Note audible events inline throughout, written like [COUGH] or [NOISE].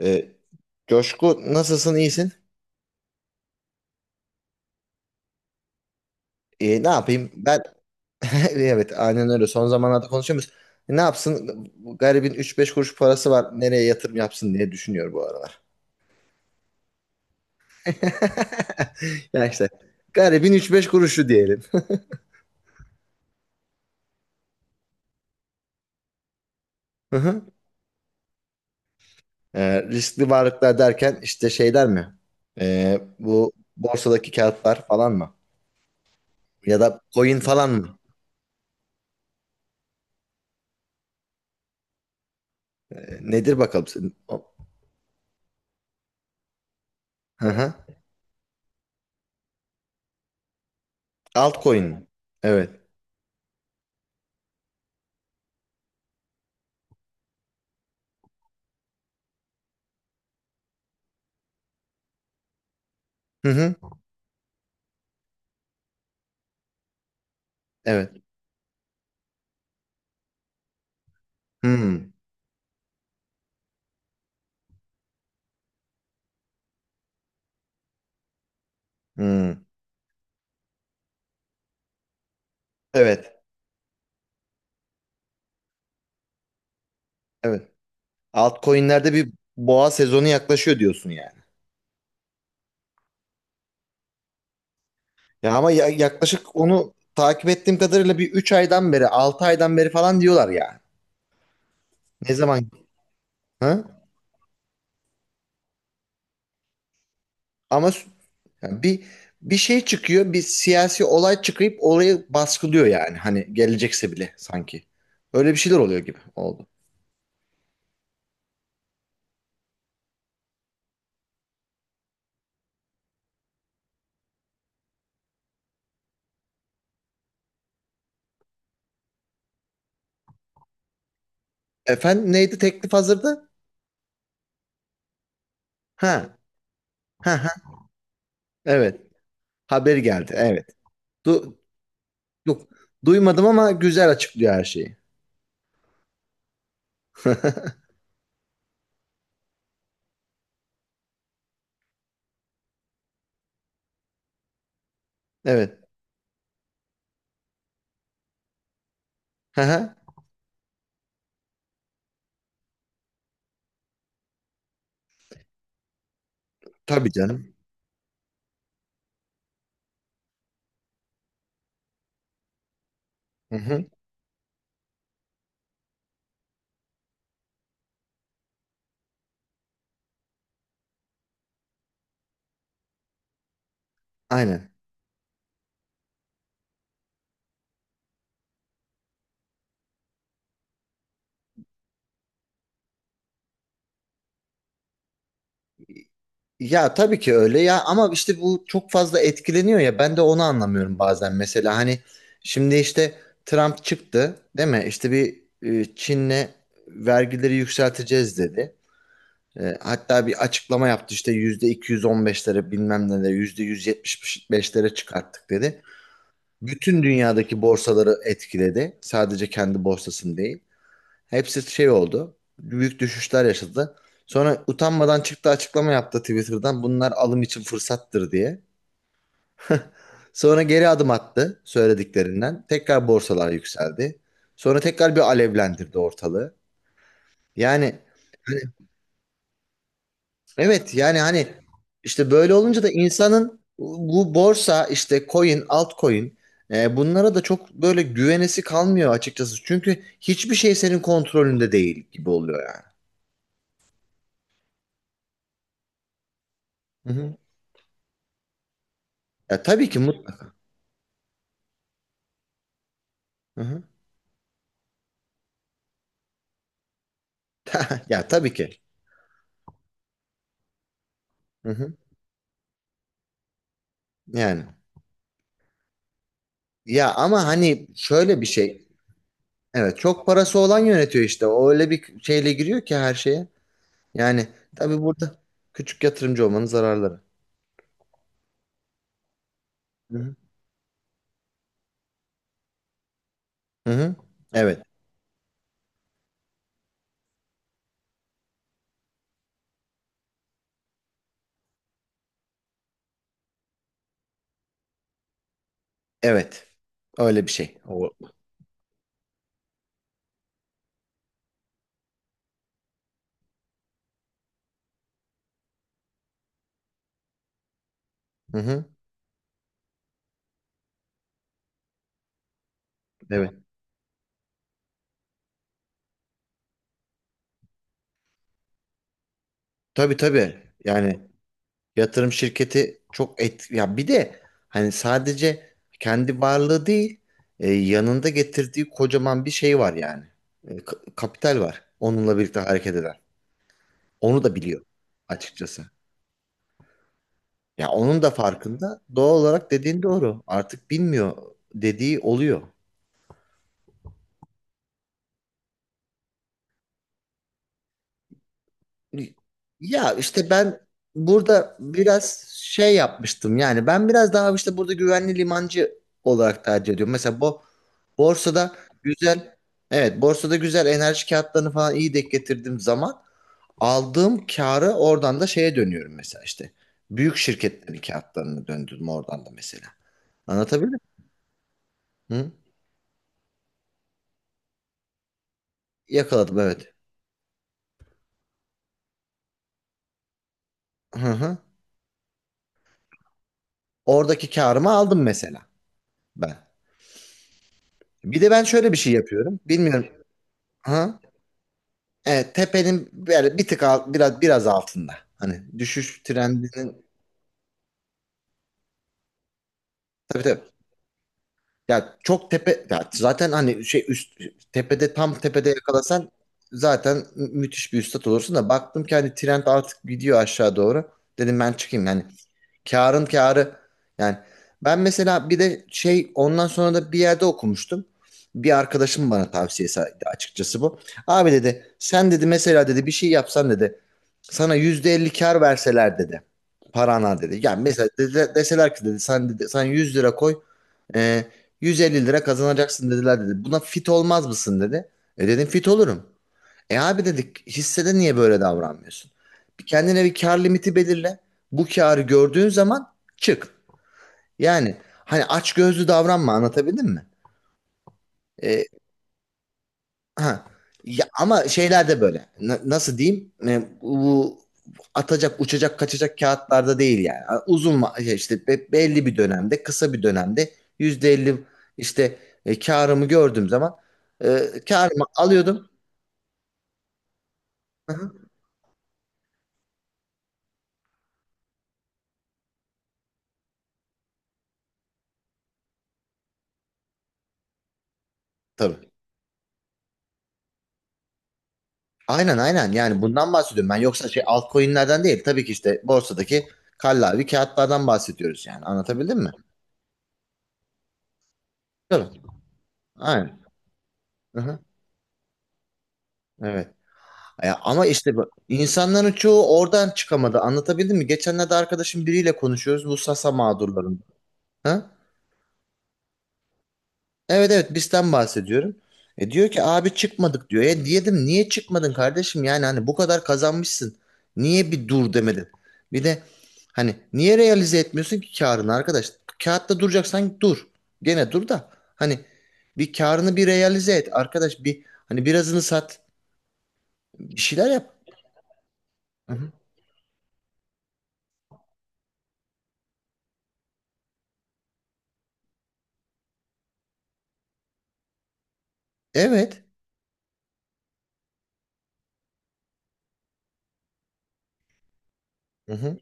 Ee, Coşku, nasılsın iyisin? Ne yapayım ben. [LAUGHS] Evet, aynen öyle son zamanlarda konuşuyoruz. Ne yapsın? Bu garibin üç beş kuruş parası var, nereye yatırım yapsın diye düşünüyor bu aralar. [LAUGHS] Ya işte garibin üç beş kuruşu diyelim. [LAUGHS] Hı hı. Riskli varlıklar derken işte şeyler mi? Bu borsadaki kağıtlar falan mı? Ya da coin falan mı? Nedir bakalım? Senin? Hı hı. Altcoin mi? Evet. Hı hı. Evet. Hmm. Hmm. Evet, evet. Altcoin'lerde bir boğa sezonu yaklaşıyor diyorsun yani. Ya ama yaklaşık onu takip ettiğim kadarıyla bir 3 aydan beri, 6 aydan beri falan diyorlar yani. Ne zaman? Ha? Ama yani bir şey çıkıyor, bir siyasi olay çıkıp orayı baskılıyor yani. Hani gelecekse bile sanki. Öyle bir şeyler oluyor gibi oldu. Efendim, neydi? Teklif hazırdı? Ha. Ha ha. Evet. Haberi geldi. Evet. Du yok, duymadım ama güzel açıklıyor her şeyi. [LAUGHS] Evet. Hı hı. Tabii canım. Hı hı. Aynen. Ya tabii ki öyle ya, ama işte bu çok fazla etkileniyor ya, ben de onu anlamıyorum bazen mesela. Hani şimdi işte Trump çıktı değil mi? İşte bir Çin'le vergileri yükselteceğiz dedi. Hatta bir açıklama yaptı işte yüzde 215'lere bilmem ne de yüzde 175'lere çıkarttık dedi. Bütün dünyadaki borsaları etkiledi. Sadece kendi borsasını değil. Hepsi şey oldu. Büyük düşüşler yaşadı. Sonra utanmadan çıktı açıklama yaptı Twitter'dan. Bunlar alım için fırsattır diye. Sonra geri adım attı söylediklerinden. Tekrar borsalar yükseldi. Sonra tekrar bir alevlendirdi ortalığı. Yani evet yani hani işte böyle olunca da insanın bu borsa işte coin, altcoin, bunlara da çok böyle güvenesi kalmıyor açıkçası. Çünkü hiçbir şey senin kontrolünde değil gibi oluyor yani. Hı hı. Ya tabii ki mutlaka. Ya tabii ki. Hı hı. Yani. Ya ama hani şöyle bir şey. Evet, çok parası olan yönetiyor işte. O öyle bir şeyle giriyor ki her şeye. Yani tabii burada küçük yatırımcı olmanın zararları. Hı hı. Hı hı. Evet. Evet. Öyle bir şey. Hı hı. Evet. Tabii tabii. Yani yatırım şirketi çok et ya, bir de hani sadece kendi varlığı değil, yanında getirdiği kocaman bir şey var yani. Kapital var. Onunla birlikte hareket eden. Onu da biliyor açıkçası. Ya onun da farkında. Doğal olarak dediğin doğru. Artık bilmiyor dediği oluyor. Ya işte ben burada biraz şey yapmıştım. Yani ben biraz daha işte burada güvenli limancı olarak tercih ediyorum. Mesela bu borsada güzel, evet, borsada güzel enerji kağıtlarını falan iyi denk getirdiğim zaman aldığım karı oradan da şeye dönüyorum mesela işte. Büyük şirketlerin kağıtlarını döndürdüm oradan da mesela. Anlatabildim mi? Hı? Yakaladım evet. Hı hı. Oradaki karımı aldım mesela ben. Bir de ben şöyle bir şey yapıyorum. Bilmiyorum. Hı? Evet, tepenin böyle bir tık alt, biraz biraz altında. Hani düşüş trendinin. Tabii tabii. Ya çok tepe ya, zaten hani şey üst tepede, tam tepede yakalasan zaten müthiş bir üstat olursun da baktım ki hani trend artık gidiyor aşağı doğru. Dedim ben çıkayım yani. Kârın kârı. Yani ben mesela, bir de şey, ondan sonra da bir yerde okumuştum. Bir arkadaşım bana tavsiyesi açıkçası bu. Abi dedi, sen dedi, mesela dedi bir şey yapsan dedi sana %50 kâr verseler dedi. Parana dedi. Yani mesela dedi, deseler ki dedi, sen dedi sen 100 lira koy, e, 150 lira kazanacaksın dediler dedi. Buna fit olmaz mısın dedi. Dedim fit olurum. Abi dedik, hissede niye böyle davranmıyorsun? Bir kendine bir kar limiti belirle. Bu karı gördüğün zaman çık. Yani hani açgözlü davranma, anlatabildim mi? E, ha. Ya, ama şeyler de böyle. Nasıl diyeyim? Bu atacak, uçacak, kaçacak kağıtlarda değil yani. Uzun şey işte belli bir dönemde, kısa bir dönemde %50 işte, karımı gördüğüm zaman karımı alıyordum. Hı hı. Tabii. Aynen aynen yani bundan bahsediyorum ben, yoksa şey altcoin'lerden değil tabii ki, işte borsadaki kallavi kağıtlardan bahsediyoruz yani anlatabildim mi? Tabii. Aynen. Hı-hı. Evet. Ya ama işte bu, insanların çoğu oradan çıkamadı anlatabildim mi? Geçenlerde arkadaşım biriyle konuşuyoruz bu Sasa mağdurlarında. Evet evet bizden bahsediyorum. Diyor ki abi çıkmadık diyor. Diyedim niye çıkmadın kardeşim, yani hani bu kadar kazanmışsın. Niye bir dur demedin? Bir de hani niye realize etmiyorsun ki karını arkadaş? Kağıtta duracaksan dur. Gene dur da hani bir karını bir realize et arkadaş, bir hani birazını sat bir şeyler yap. Hı hı. Evet. Hı hı.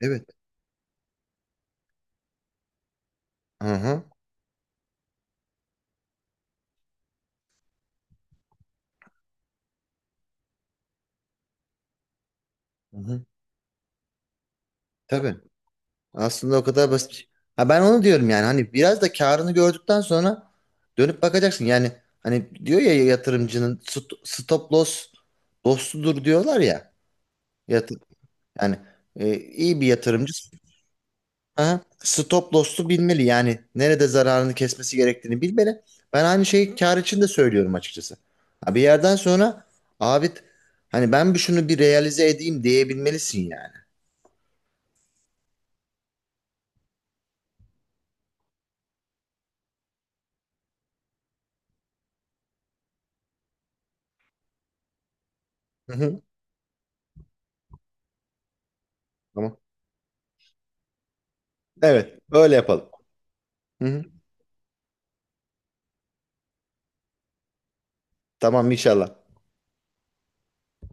Evet. Hı hı. Hı hı. Tabii. Aslında o kadar basit bir şey. Ha, ben onu diyorum yani, hani biraz da karını gördükten sonra dönüp bakacaksın. Yani hani diyor ya, yatırımcının stop loss dostudur diyorlar ya. Yatır yani iyi bir yatırımcı, aha, stop loss'u bilmeli. Yani nerede zararını kesmesi gerektiğini bilmeli. Ben aynı şeyi kar için de söylüyorum açıkçası. Ha, bir yerden sonra abi hani ben bir şunu bir realize edeyim diyebilmelisin yani. Hı hı. Tamam. Evet, öyle yapalım. Hı hı. Tamam inşallah.